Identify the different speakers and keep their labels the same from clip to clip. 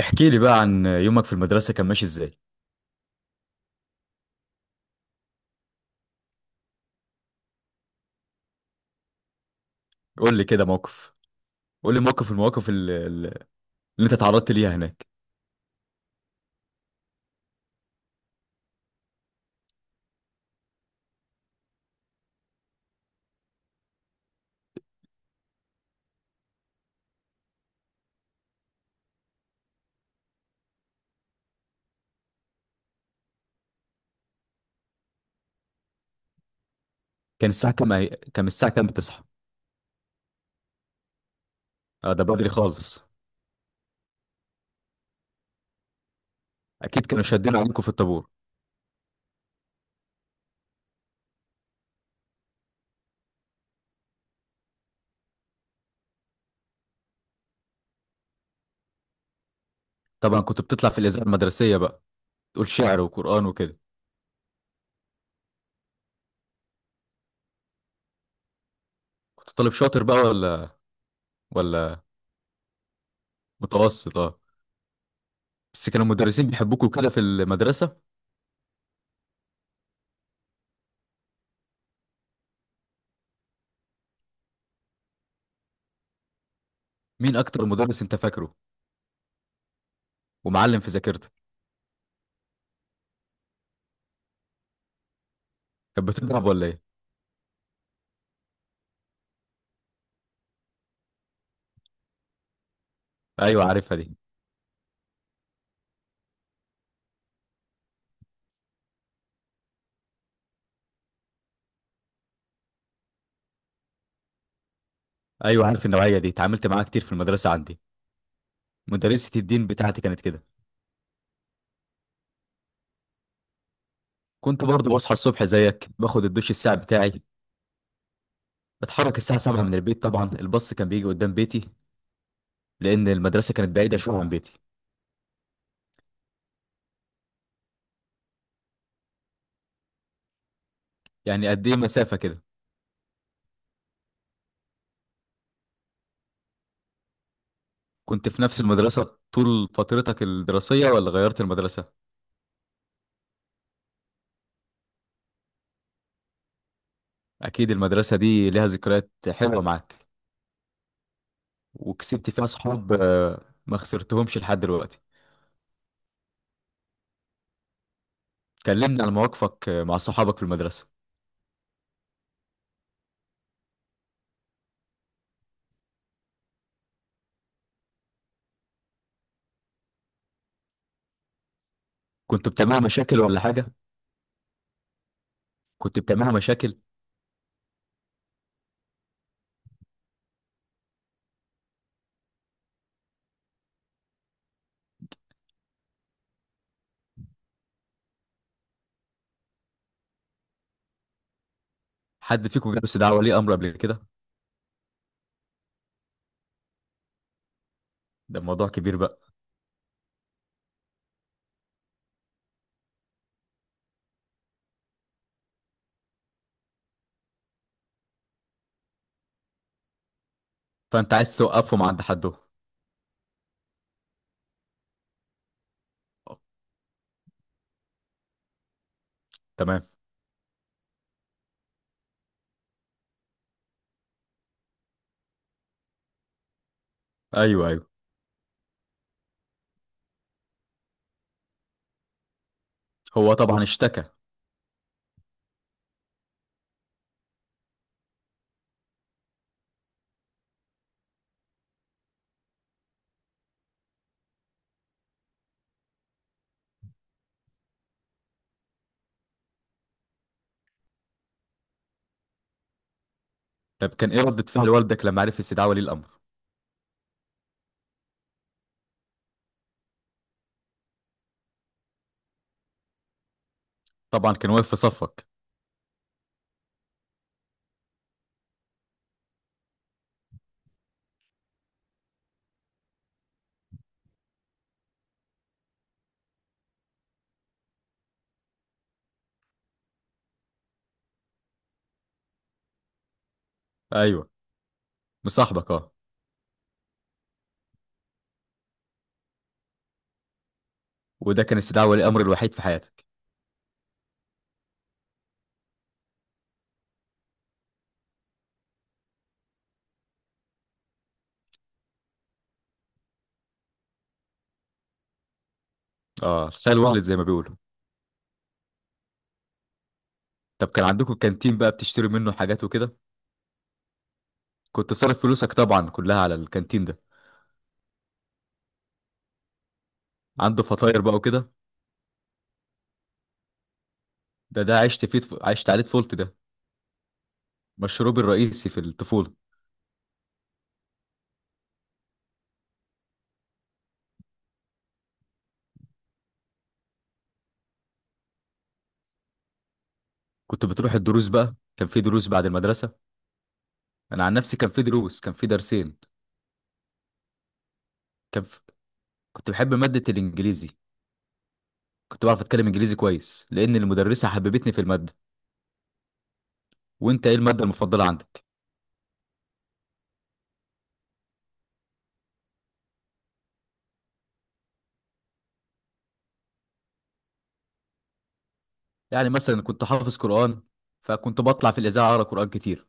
Speaker 1: احكي لي بقى عن يومك في المدرسة كان ماشي ازاي؟ قول لي كده موقف. قول لي موقف المواقف اللي انت تعرضت ليها هناك. كان الساعة كام؟ كان الساعة كام بتصحى؟ اه، ده بدري خالص. اكيد كانوا شادين عليكم في الطابور. طبعا كنت بتطلع في الإذاعة المدرسية بقى، تقول شعر وقرآن وكده. كنت طالب شاطر بقى ولا متوسط؟ اه. بس كانوا المدرسين بيحبوكوا كده في المدرسة. مين اكتر مدرس انت فاكره ومعلم في ذاكرتك؟ كانت بتضرب ولا ايه؟ ايوه، عارفها دي. ايوه، عارف النوعية دي، اتعاملت معاها كتير في المدرسة عندي. مدرسة الدين بتاعتي كانت كده. كنت برضه بصحى الصبح زيك، باخد الدش الساعة بتاعي، بتحرك الساعة 7 من البيت. طبعا الباص كان بيجي قدام بيتي لأن المدرسة كانت بعيدة شوية عن بيتي. يعني قد إيه مسافة كده؟ كنت في نفس المدرسة طول فترتك الدراسية ولا غيرت المدرسة؟ أكيد المدرسة دي لها ذكريات حلوة معاك، وكسبت فيها صحاب، آه، ما خسرتهمش لحد دلوقتي. كلمني عن مواقفك، آه، مع صحابك في المدرسة. كنت بتعملوا مشاكل ولا حاجة؟ كنت بتعملوا مشاكل؟ حد فيكم جاله استدعاء ولي أمر قبل كده؟ ده موضوع كبير بقى. فانت عايز توقفهم عند حدهم. تمام. ايوه، ايوه. هو طبعا اشتكى. طب كان ايه ردة فعل والدك لما عرف استدعاء ولي الامر؟ طبعا كان واقف في صفك. ايوه. مصاحبك، اه. وده كان استدعاء ولي الامر الوحيد في حياتك؟ اه، الخال والد زي ما بيقولوا. طب كان عندكم الكانتين بقى، بتشتري منه حاجات وكده. كنت صارف فلوسك طبعا كلها على الكانتين ده. عنده فطاير بقى وكده. ده عشت فيه عشت عليه طفولتي ده. مشروبي الرئيسي في الطفولة. كنت بتروح الدروس بقى؟ كان في دروس بعد المدرسة. انا عن نفسي كان في دروس، كان في درسين. كان كنت بحب مادة الإنجليزي. كنت بعرف أتكلم إنجليزي كويس لأن المدرسة حببتني في المادة. وأنت إيه المادة المفضلة عندك؟ يعني مثلا كنت حافظ قرآن، فكنت بطلع في الإذاعة أقرأ قرآن كتير.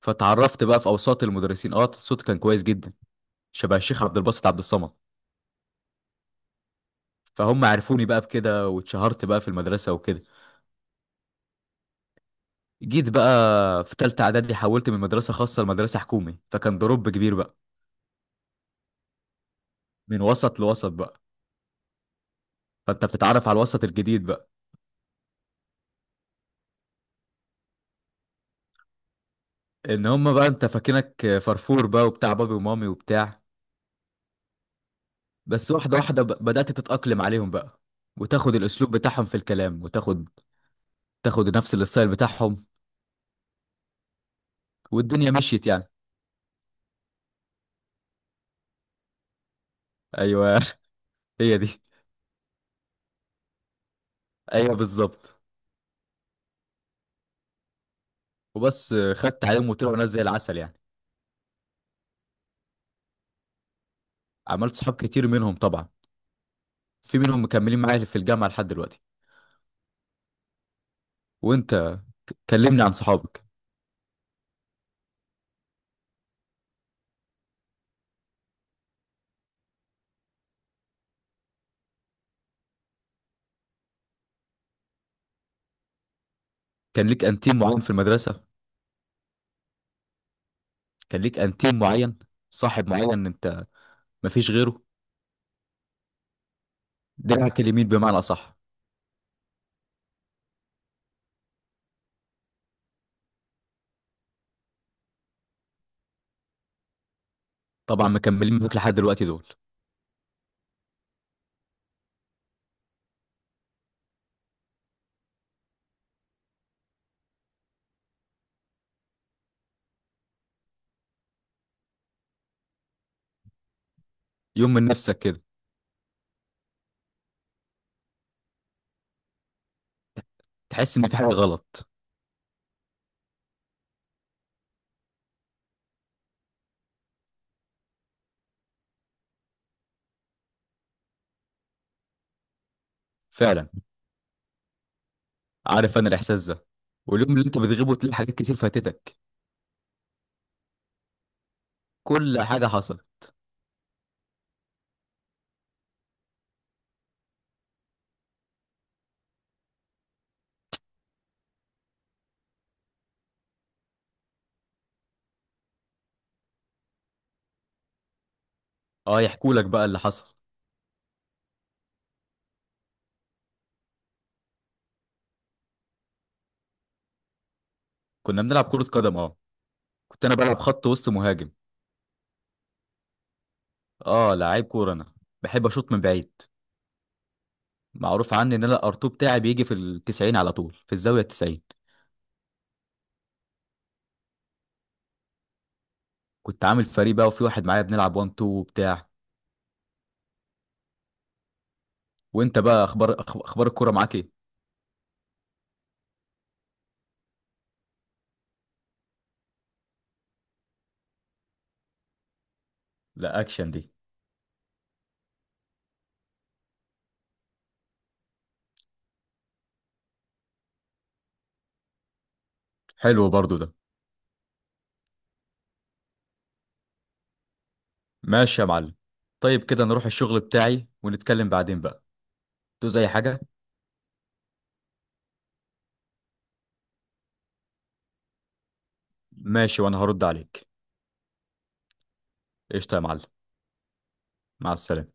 Speaker 1: فتعرفت بقى في أوساط المدرسين، أه، صوتي كان كويس جدا، شبه الشيخ عبد الباسط عبد الصمد. فهم عرفوني بقى بكده، واتشهرت بقى في المدرسة وكده. جيت بقى في تالتة إعدادي حولت من مدرسة خاصة لمدرسة حكومي، فكان ضرب كبير بقى. من وسط لوسط بقى. فأنت بتتعرف على الوسط الجديد بقى. ان هما بقى انت فاكرك فرفور بقى وبتاع، بابي ومامي وبتاع. بس واحدة واحدة بدأت تتأقلم عليهم بقى، وتاخد الأسلوب بتاعهم في الكلام، وتاخد نفس الستايل بتاعهم، والدنيا مشيت يعني. أيوه. هي دي، أيوه بالظبط. وبس خدت عليهم، وطلعوا ناس زي العسل يعني. عملت صحاب كتير منهم طبعا. في منهم مكملين معايا في الجامعة لحد دلوقتي. وأنت، كلمني عن صحابك. كان ليك أنتيم معين في المدرسة؟ كان ليك أنتيم معين، صاحب معين أنت، مفيش غيره، دراعك اليمين بمعنى أصح. طبعا مكملين معاك لحد دلوقتي دول. يوم من نفسك كده؟ تحس ان في حاجه غلط. فعلا، عارف انا الاحساس ده. واليوم اللي انت بتغيبه تلاقي حاجات كتير فاتتك. كل حاجه حصل. اه، يحكوا لك بقى اللي حصل. كنا بنلعب كره قدم، اه. كنت انا بلعب خط وسط مهاجم. اه، لعيب كوره انا. بحب اشوط من بعيد. معروف عني ان انا الارتو بتاعي بيجي في التسعين على طول، في الزاويه التسعين. كنت عامل فريق بقى وفي واحد معايا بنلعب 1 2 وبتاع. وانت بقى اخبار اخبار الكوره معاك ايه؟ لا، اكشن دي. حلو برضو ده. ماشي يا معلم. طيب كده نروح الشغل بتاعي ونتكلم بعدين بقى. تو زي حاجة. ماشي، وانا هرد عليك. قشطة يا معلم. مع السلامة.